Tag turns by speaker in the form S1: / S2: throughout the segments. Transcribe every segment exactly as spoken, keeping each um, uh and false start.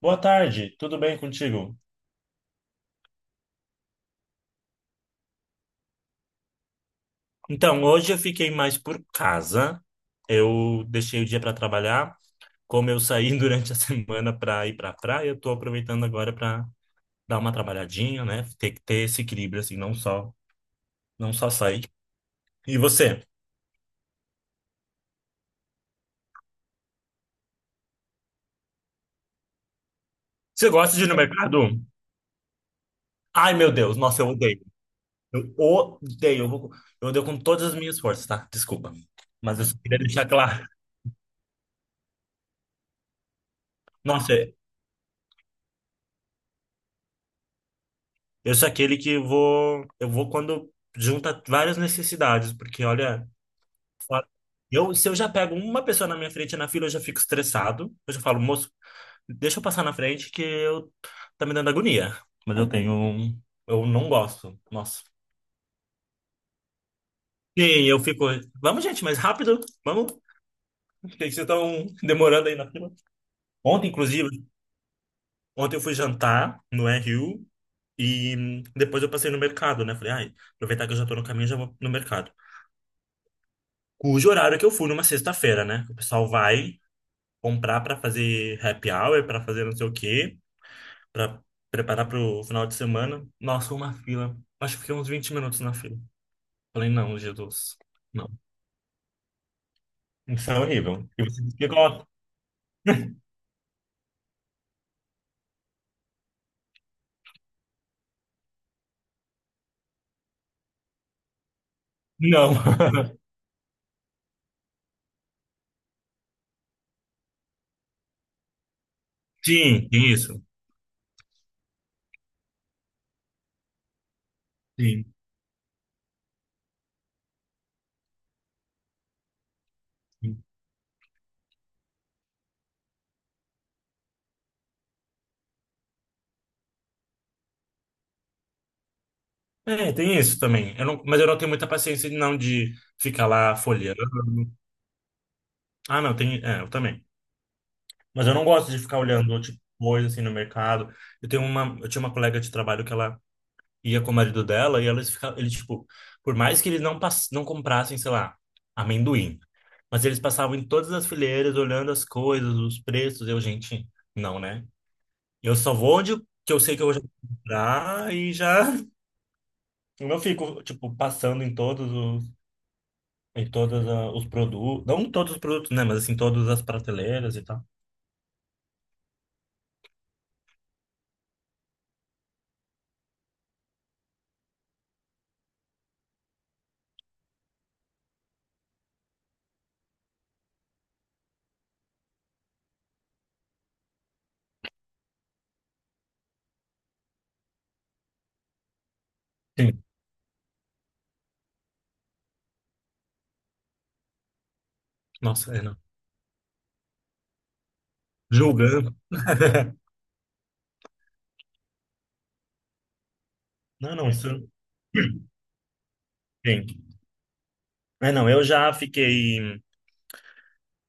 S1: Boa tarde, tudo bem contigo? Então, hoje eu fiquei mais por casa. Eu deixei o dia para trabalhar. Como eu saí durante a semana para ir para a praia, eu tô aproveitando agora para dar uma trabalhadinha, né? Tem que ter esse equilíbrio assim, não só, não só sair. E você? Você gosta de ir no mercado? Ai, meu Deus, nossa, eu odeio. Eu odeio. Eu vou- eu odeio com todas as minhas forças, tá? Desculpa. Mas eu só queria deixar claro. Nossa, eu sou aquele que vou, eu vou quando junta várias necessidades, porque olha, fa- eu, se eu já pego uma pessoa na minha frente na fila, eu já fico estressado. Eu já falo, moço, deixa eu passar na frente que eu tá me dando agonia. Mas eu tenho, um- eu não gosto. Nossa. Sim, eu fico, vamos gente, mais rápido, vamos, por que que vocês estão demorando aí na fila. Ontem, inclusive, ontem eu fui jantar no Rio e hum, depois eu passei no mercado, né? Falei, ai, aproveitar que eu já tô no caminho, já vou no mercado, cujo horário que eu fui numa sexta-feira, né? O pessoal vai comprar para fazer happy hour, para fazer não sei o quê, para preparar para o final de semana. Nossa, uma fila. Acho que fiquei uns vinte minutos na fila. Falei, não, Jesus, não. Isso é horrível. E você diz que gosta? Não. Sim, tem isso. Sim. Sim. É, tem isso também. Eu não, mas eu não tenho muita paciência não de ficar lá folheando. Ah, não, tem, é, eu também. Mas eu não gosto de ficar olhando tipo coisa assim no mercado. Eu tenho uma, eu tinha uma colega de trabalho que ela ia com o marido dela e eles ficavam, eles tipo, por mais que eles não pass não comprassem, sei lá, amendoim, mas eles passavam em todas as fileiras olhando as coisas, os preços, eu, gente, não, né? Eu só vou onde que eu sei que eu vou comprar e já eu não fico tipo passando em todos os em todos ah, os produtos, não em todos os produtos, né, mas assim todas as prateleiras e tal. Sim. Nossa, é, não. Julgando. Não, não, isso. Sim. É, não, eu já fiquei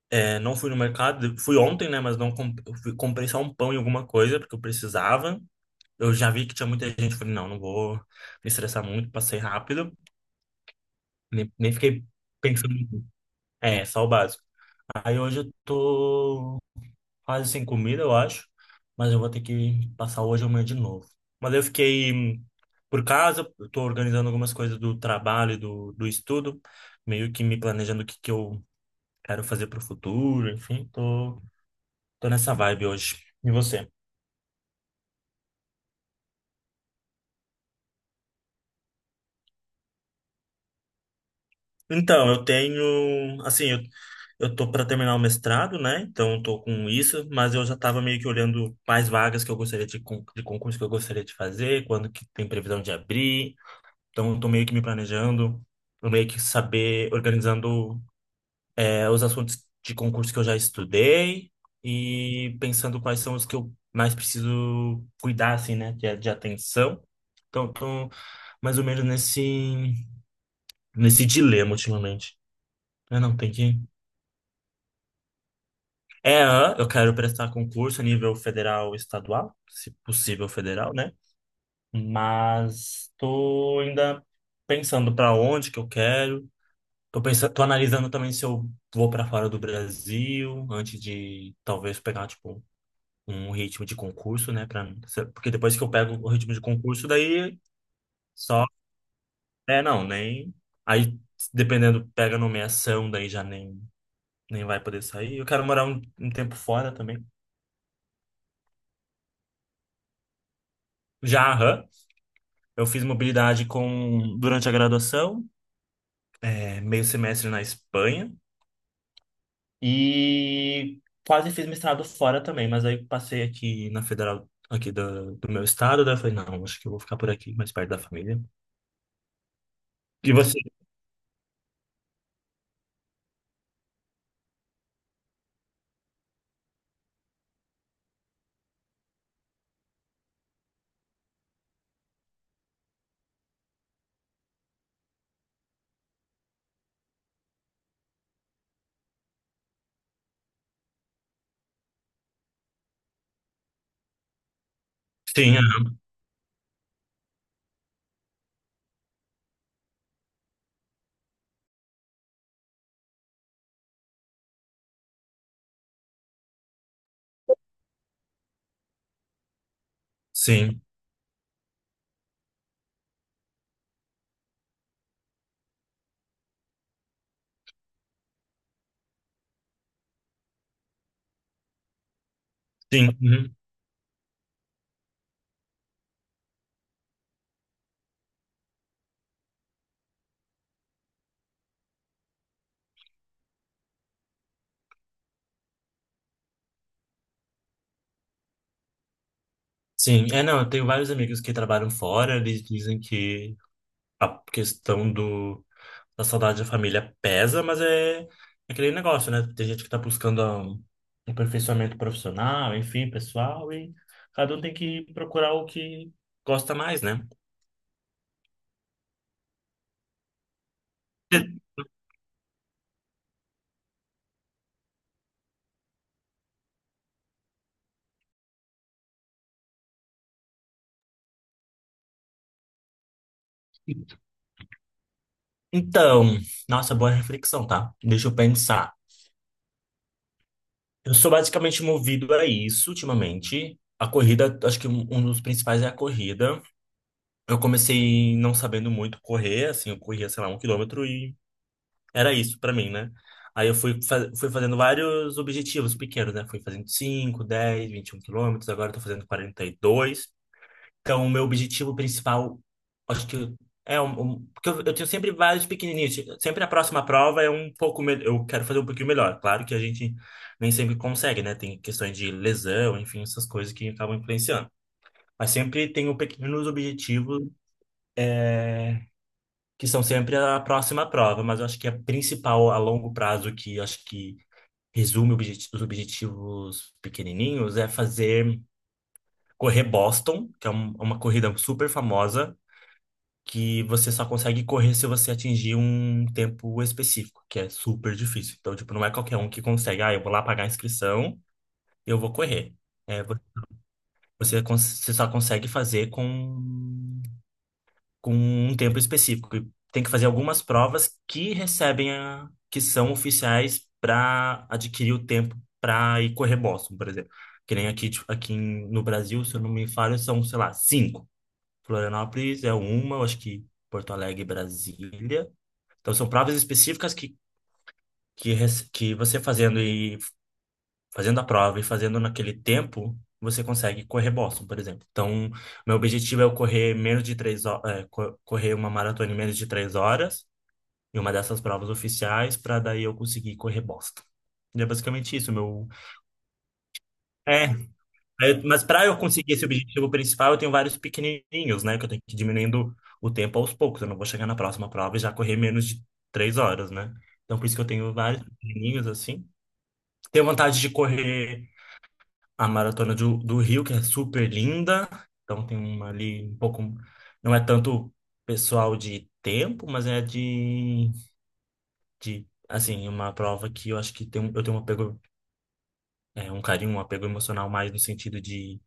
S1: É, não fui no mercado, fui ontem, né? Mas não comp- eu fui- comprei só um pão e alguma coisa, porque eu precisava. Eu já vi que tinha muita gente, falei, não, não vou me estressar muito, passei rápido, nem, nem fiquei pensando. muito. É, só o básico. Aí hoje eu tô quase sem comida, eu acho, mas eu vou ter que passar hoje e amanhã de novo. Mas eu fiquei hum, por casa, eu tô organizando algumas coisas do trabalho, e do, do estudo, meio que me planejando o que que eu quero fazer pro futuro, enfim, tô. Tô nessa vibe hoje. E você? Então, eu tenho, assim, eu, eu tô para terminar o mestrado, né? Então, eu tô com isso, mas eu já tava meio que olhando quais vagas que eu gostaria de, con- de concurso que eu gostaria de fazer, quando que tem previsão de abrir. Então, eu tô meio que me planejando, eu meio que saber, organizando, é, os assuntos de concurso que eu já estudei e pensando quais são os que eu mais preciso cuidar, assim, né? De, de atenção. Então, eu tô mais ou menos nesse. nesse dilema ultimamente. Eu não tem que. É, ah, eu quero prestar concurso a nível federal e estadual, se possível federal, né? Mas tô ainda pensando para onde que eu quero. Tô pensando, tô analisando também se eu vou para fora do Brasil antes de talvez pegar tipo um ritmo de concurso, né, para porque depois que eu pego o ritmo de concurso daí só é não, nem aí dependendo pega nomeação daí já nem nem vai poder sair. Eu quero morar um, um tempo fora também. Já, aham, eu fiz mobilidade com durante a graduação, é, meio semestre na Espanha e quase fiz mestrado fora também, mas aí passei aqui na Federal aqui do, do meu estado, daí eu falei, não, acho que eu vou ficar por aqui, mais perto da família. E você? Sim, aham, sim, sim, uhum, sim. É, não, eu tenho vários amigos que trabalham fora, eles dizem que a questão do a saudade da família pesa, mas é, é aquele negócio, né? Tem gente que tá buscando ah, um aperfeiçoamento profissional, enfim, pessoal, e cada um tem que procurar o que gosta mais, né? Então, nossa, boa reflexão, tá? Deixa eu pensar. Eu sou basicamente movido a isso ultimamente. A corrida, acho que um um dos principais é a corrida. Eu comecei não sabendo muito correr, assim, eu corria, sei lá, um quilômetro. Era isso pra mim, né? Aí eu fui, fa- fui fazendo vários objetivos pequenos, né? Fui fazendo cinco, dez, vinte e um quilômetros, agora eu tô fazendo quarenta e dois. Então, o meu objetivo principal, acho que é um, um- porque eu, eu tenho sempre vários pequenininhos. Sempre a próxima prova é um pouco melhor, eu quero fazer um pouquinho melhor. Claro que a gente nem sempre consegue, né? Tem questões de lesão, enfim, essas coisas que acabam influenciando. Mas sempre tenho pequenos objetivos que são sempre a próxima prova, mas eu acho que a principal a longo prazo que acho que resume objet- os objetivos pequenininhos, é fazer correr Boston, que é um- uma corrida super famosa, que você só consegue correr se você atingir um tempo específico, que é super difícil. Então, tipo, não é qualquer um que consegue, ah, eu vou lá pagar a inscrição, eu vou correr. É, vo- você, cons- você só consegue fazer com com um tempo específico. E tem que fazer algumas provas que recebem a, que são oficiais para adquirir o tempo para ir correr Boston, por exemplo. Que nem aqui, tipo, aqui em- no Brasil, se eu não me falho, são, sei lá, cinco. Florianópolis é uma, eu acho que Porto Alegre e Brasília. Então são provas específicas que, que, rece- que você fazendo e fazendo a prova e fazendo naquele tempo, você consegue correr Boston, por exemplo. Então, meu objetivo é eu correr menos de três horas, correr uma maratona em menos de três horas, em uma dessas provas oficiais, para daí eu conseguir correr Boston. E é basicamente isso, meu. É, é, mas para eu conseguir esse objetivo principal, eu tenho vários pequenininhos, né? Que eu tenho que ir diminuindo o tempo aos poucos. Eu não vou chegar na próxima prova e já correr menos de três horas, né? Então, por isso que eu tenho vários pequenininhos, assim. Tenho vontade de correr a maratona do, do Rio, que é super linda. Então tem uma ali um pouco. Não é tanto pessoal de tempo, mas é de, de assim, uma prova que eu acho que tem, um- eu tenho um apego, é, um carinho, um apego emocional mais no sentido de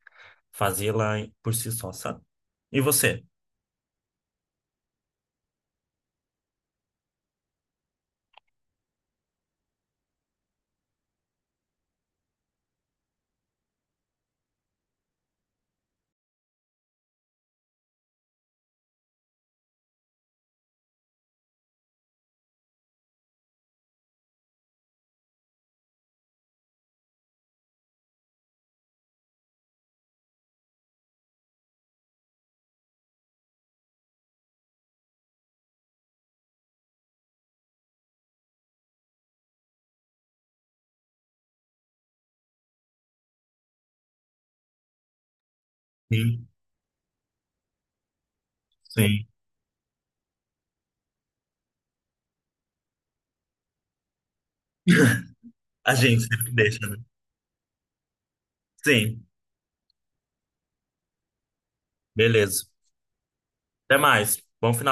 S1: fazê-la por si só, sabe? E você? Sim, sim. A gente sempre deixa, né? Sim, beleza. Até mais. Bom final.